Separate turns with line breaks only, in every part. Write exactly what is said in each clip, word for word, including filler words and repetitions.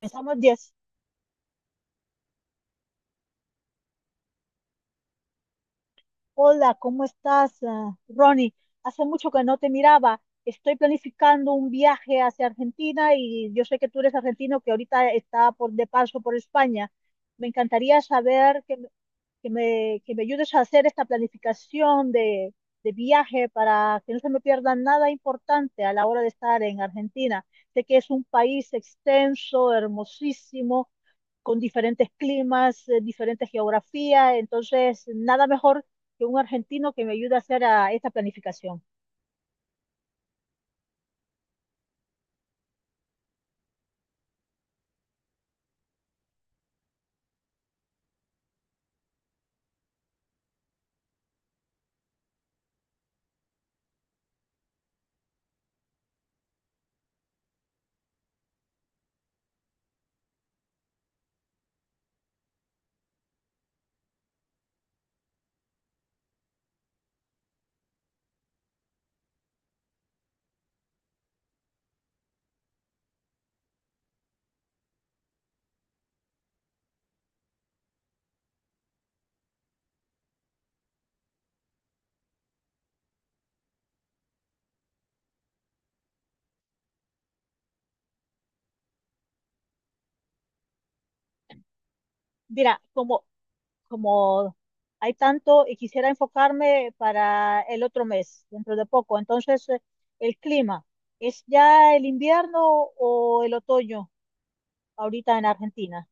Empezamos diez. Hola, ¿cómo estás, ah, Ronnie? Hace mucho que no te miraba. Estoy planificando un viaje hacia Argentina y yo sé que tú eres argentino que ahorita está por, de paso por España. Me encantaría saber que, me, que me- que me ayudes a hacer esta planificación de, de viaje para que no se me pierda nada importante a la hora de estar en Argentina. Sé que es un país extenso, hermosísimo con diferentes climas, eh, diferentes geografías, entonces nada mejor que un argentino que me ayude a hacer ah, esta planificación. Mira, como, como hay tanto y quisiera enfocarme para el otro mes, dentro de poco, entonces eh, el clima, ¿es ya el invierno o el otoño ahorita en Argentina?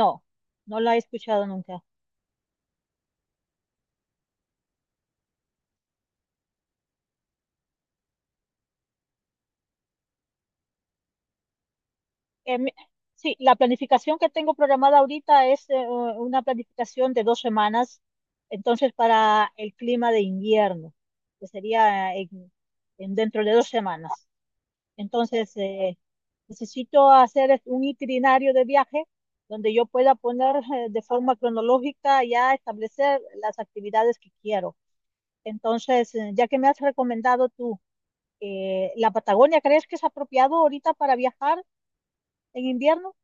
No, no la he escuchado nunca. em, sí, la planificación que tengo programada ahorita es eh, una planificación de dos semanas, entonces para el clima de invierno, que sería en- en dentro de dos semanas. Entonces, eh, necesito hacer un itinerario de viaje donde yo pueda poner eh, de forma cronológica ya establecer las actividades que quiero. Entonces, eh, ya que me has recomendado tú, eh, ¿la Patagonia crees que es apropiado ahorita para viajar en invierno?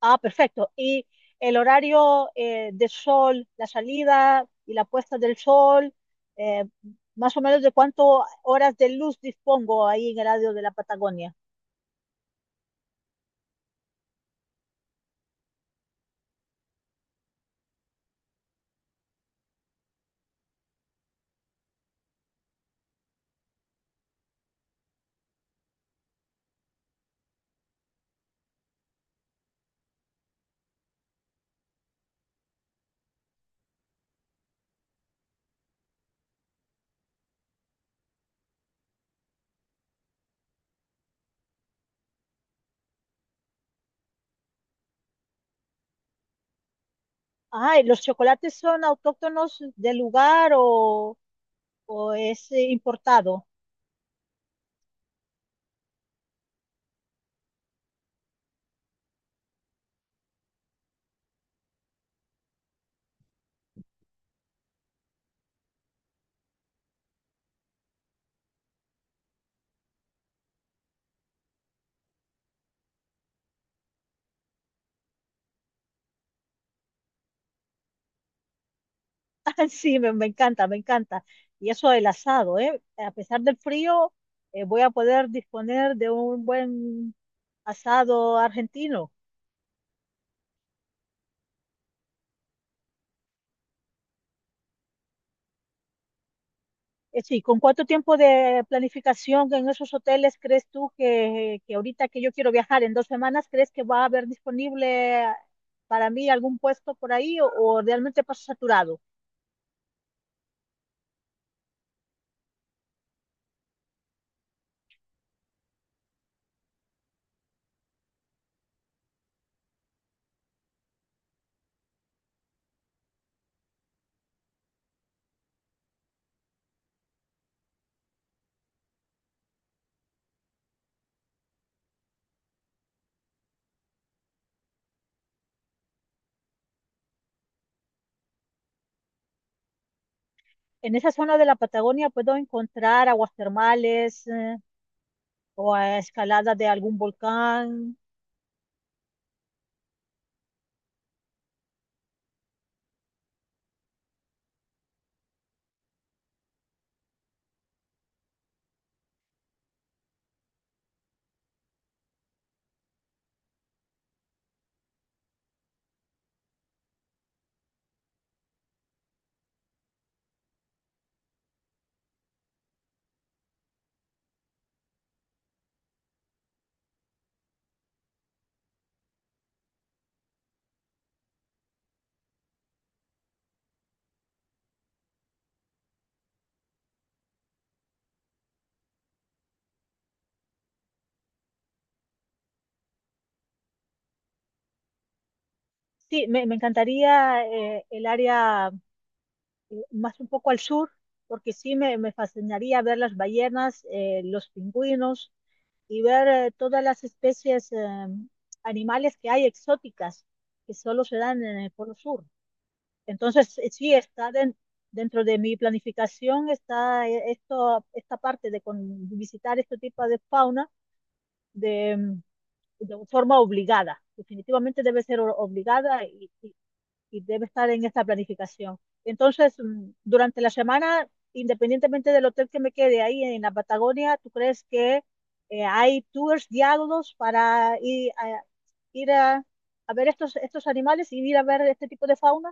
Ah, perfecto. ¿Y el horario eh, de sol, la salida y la puesta del sol, eh, más o menos de cuántas horas de luz dispongo ahí en el área de la Patagonia? Ah, ¿y los chocolates son autóctonos del lugar o, o es eh, importado? Ah, sí, me, me encanta, me encanta. Y eso del asado, ¿eh? A pesar del frío, eh, voy a poder disponer de un buen asado argentino. Eh, Sí, ¿con cuánto tiempo de planificación en esos hoteles crees tú que, que ahorita que yo quiero viajar en dos semanas, crees que va a haber disponible para mí algún puesto por ahí o, o realmente paso saturado? En esa zona de la Patagonia puedo encontrar aguas termales eh, o a escalada de algún volcán. Sí, me, me encantaría eh, el área eh, más un poco al sur, porque sí me, me fascinaría ver las ballenas, eh, los pingüinos y ver eh, todas las especies eh, animales que hay exóticas que solo se dan en el Polo Sur. Entonces, eh, sí, está den- dentro de mi planificación, está eh, esto, esta parte de con- de visitar este tipo de fauna de, mm, de forma obligada. Definitivamente debe ser o- obligada y, y- y debe estar en esta planificación. Entonces, mm, durante la semana, independientemente del hotel que me quede ahí en la Patagonia, ¿tú crees que eh, hay tours guiados para ir a, ir a, a ver estos, estos animales y ir a ver este tipo de fauna?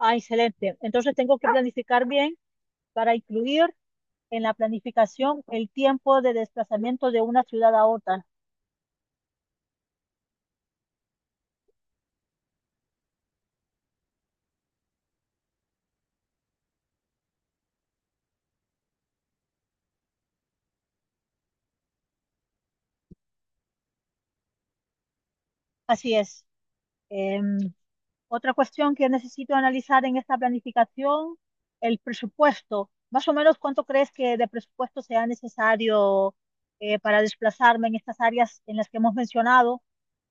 Ah, excelente. Entonces, tengo que planificar bien para incluir en la planificación el tiempo de desplazamiento de una ciudad a otra. Así es. Em, Otra cuestión que necesito analizar en esta planificación, el presupuesto. Más o menos, ¿cuánto crees que de presupuesto sea necesario eh, para desplazarme en estas áreas en las que hemos mencionado?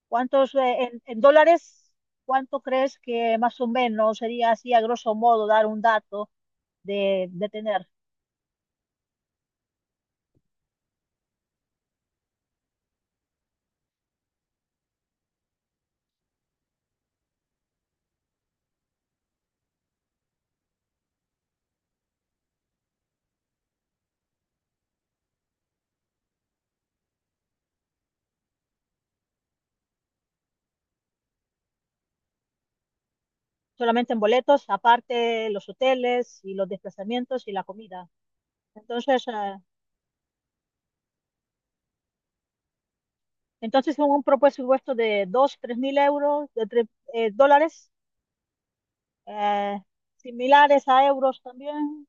¿Cuántos eh, en, en dólares? ¿Cuánto crees que más o menos sería así a grosso modo dar un dato de, de tener? Solamente en boletos, aparte los hoteles y los desplazamientos y la comida. Entonces, eh, entonces un un presupuesto de dos, tres mil euros, de tre- eh, dólares eh, similares a euros también.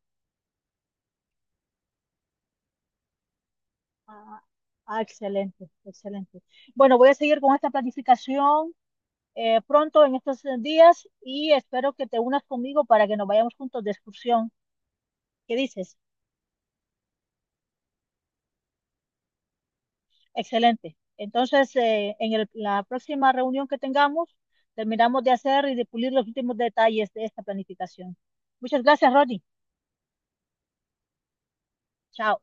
Ah, ah, excelente, excelente. Bueno, voy a seguir con esta planificación eh, pronto en estos días y espero que te unas conmigo para que nos vayamos juntos de excursión. ¿Qué dices? Excelente. Entonces, eh, en el- la próxima reunión que tengamos, terminamos de hacer y de pulir los últimos detalles de esta planificación. Muchas gracias, Rodney. Chao.